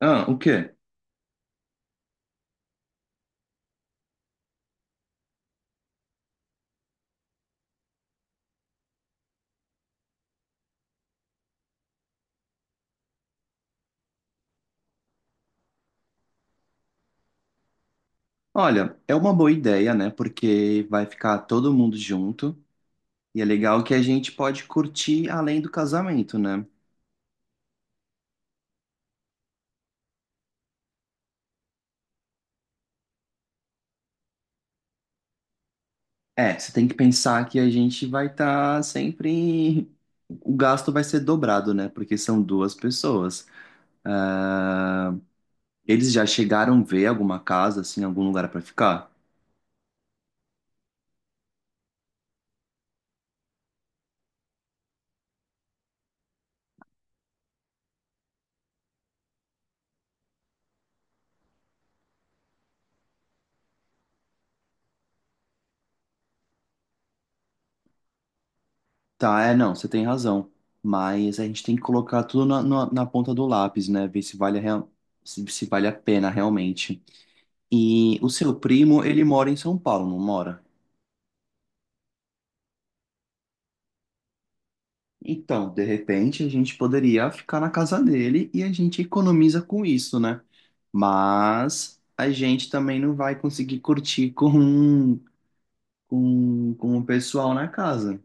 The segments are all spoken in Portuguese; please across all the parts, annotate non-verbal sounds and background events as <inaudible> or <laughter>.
Ah, o quê? Olha, é uma boa ideia, né? Porque vai ficar todo mundo junto e é legal que a gente pode curtir além do casamento, né? É, você tem que pensar que a gente vai estar sempre. O gasto vai ser dobrado, né? Porque são duas pessoas. Ah, eles já chegaram a ver alguma casa, assim, algum lugar pra ficar? Tá, é, não, você tem razão. Mas a gente tem que colocar tudo na ponta do lápis, né? Ver se vale a, se vale a pena realmente. E o seu primo, ele mora em São Paulo, não mora? Então, de repente, a gente poderia ficar na casa dele e a gente economiza com isso, né? Mas a gente também não vai conseguir curtir com o pessoal na casa.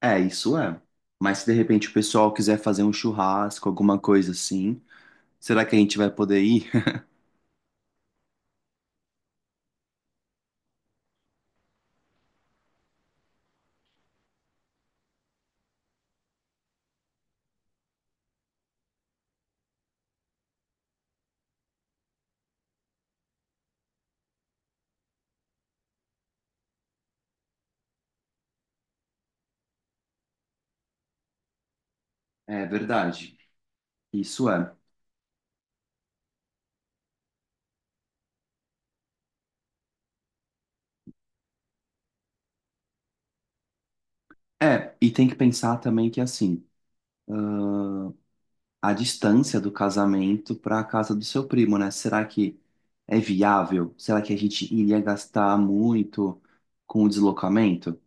É, isso é. Mas se de repente o pessoal quiser fazer um churrasco, alguma coisa assim, será que a gente vai poder ir? <laughs> É verdade. Isso é. É, e tem que pensar também que assim. A distância do casamento para a casa do seu primo, né? Será que é viável? Será que a gente iria gastar muito com o deslocamento?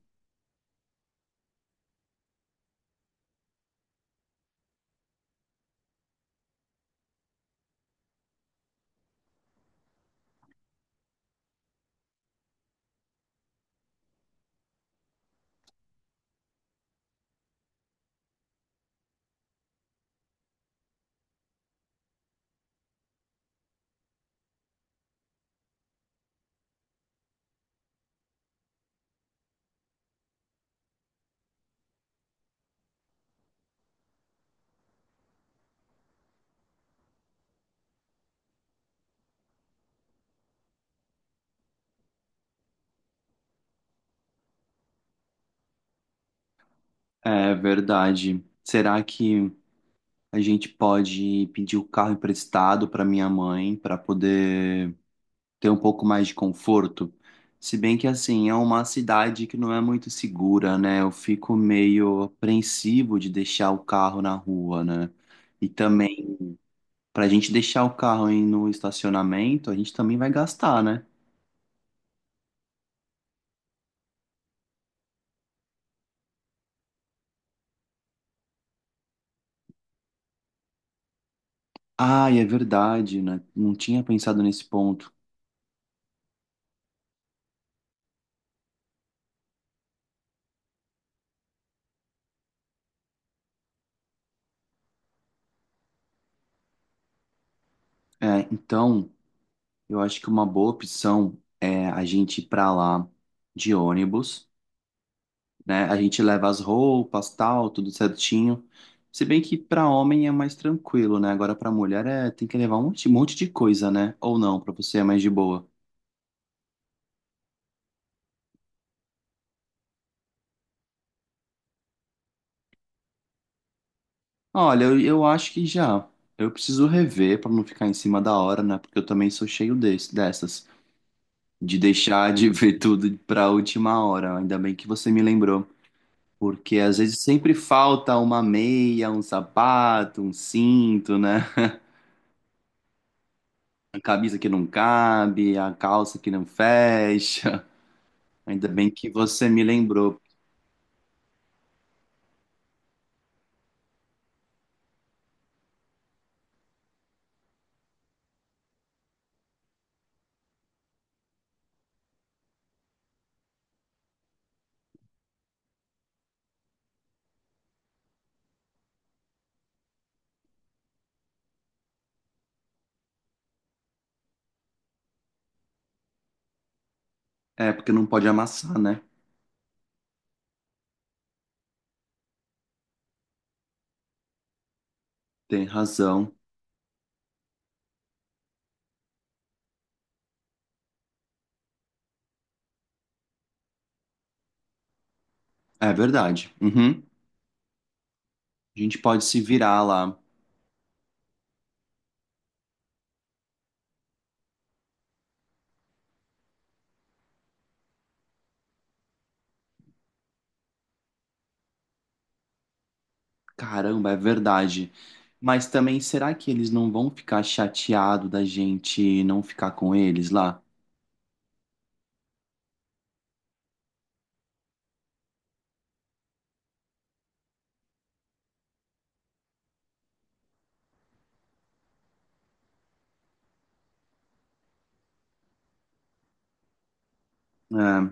É verdade. Será que a gente pode pedir o carro emprestado para minha mãe para poder ter um pouco mais de conforto? Se bem que assim, é uma cidade que não é muito segura, né? Eu fico meio apreensivo de deixar o carro na rua, né? E também pra gente deixar o carro aí no estacionamento, a gente também vai gastar, né? Ah, e é verdade, né? Não tinha pensado nesse ponto. É, então, eu acho que uma boa opção é a gente ir pra lá de ônibus, né? A gente leva as roupas, tal, tudo certinho. Se bem que pra homem é mais tranquilo, né? Agora pra mulher é, tem que levar um monte de coisa, né? Ou não, pra você é mais de boa. Olha, eu acho que já. Eu preciso rever pra não ficar em cima da hora, né? Porque eu também sou cheio desse, dessas. De deixar de ver tudo para a última hora. Ainda bem que você me lembrou, porque às vezes sempre falta uma meia, um sapato, um cinto, né? A camisa que não cabe, a calça que não fecha. <laughs> Ainda bem que você me lembrou. É, porque não pode amassar, né? Tem razão. É verdade. Uhum. A gente pode se virar lá. Caramba, é verdade. Mas também, será que eles não vão ficar chateados da gente não ficar com eles lá? É,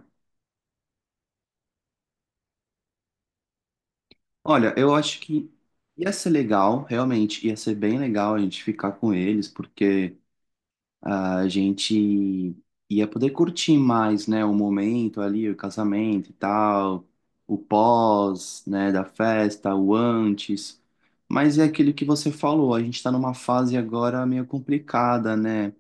olha, eu acho que ia ser legal, realmente, ia ser bem legal a gente ficar com eles, porque a gente ia poder curtir mais, né, o momento ali, o casamento e tal, o pós, né, da festa, o antes. Mas é aquilo que você falou, a gente tá numa fase agora meio complicada, né?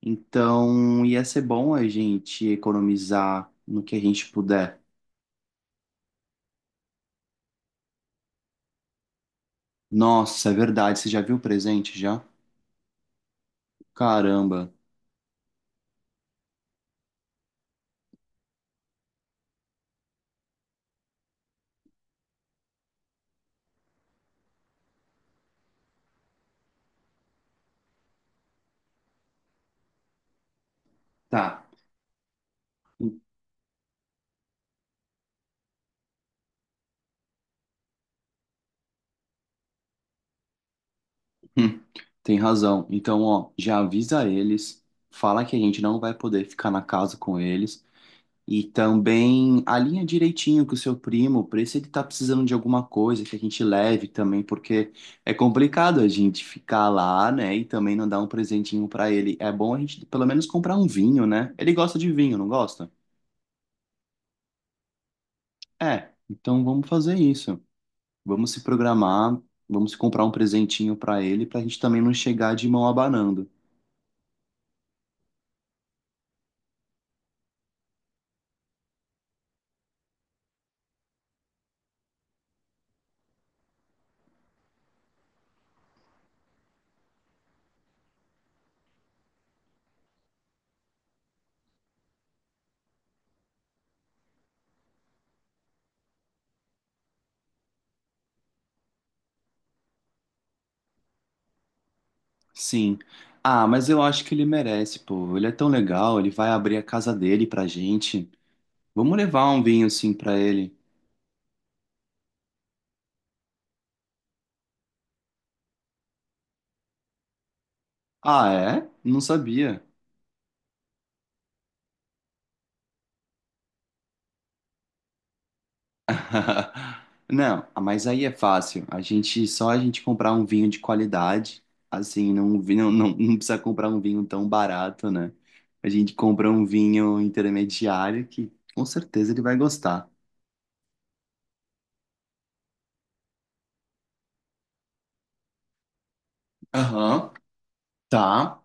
Então ia ser bom a gente economizar no que a gente puder. Nossa, é verdade, você já viu o presente já? Caramba. Tá. Hum, tem razão. Então, ó, já avisa eles, fala que a gente não vai poder ficar na casa com eles e também alinha direitinho com o seu primo, para se ele tá precisando de alguma coisa que a gente leve também, porque é complicado a gente ficar lá, né, e também não dar um presentinho para ele. É bom a gente pelo menos comprar um vinho, né? Ele gosta de vinho, não gosta? É, então vamos fazer isso. Vamos se programar, vamos comprar um presentinho para ele, pra gente também não chegar de mão abanando. Sim. Ah, mas eu acho que ele merece, pô. Ele é tão legal, ele vai abrir a casa dele pra gente. Vamos levar um vinho assim pra ele. Ah, é? Não sabia. <laughs> Não, ah, mas aí é fácil. A gente só a gente comprar um vinho de qualidade, assim, não, não, não, não precisa comprar um vinho tão barato, né? A gente compra um vinho intermediário que com certeza ele vai gostar. Aham. Tá.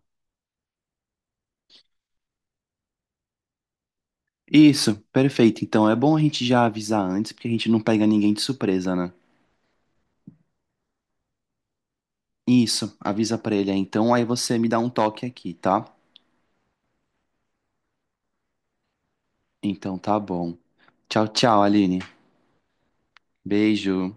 Isso, perfeito. Então é bom a gente já avisar antes, porque a gente não pega ninguém de surpresa, né? Isso, avisa pra ele aí. Então aí você me dá um toque aqui, tá? Então tá bom. Tchau, tchau, Aline. Beijo.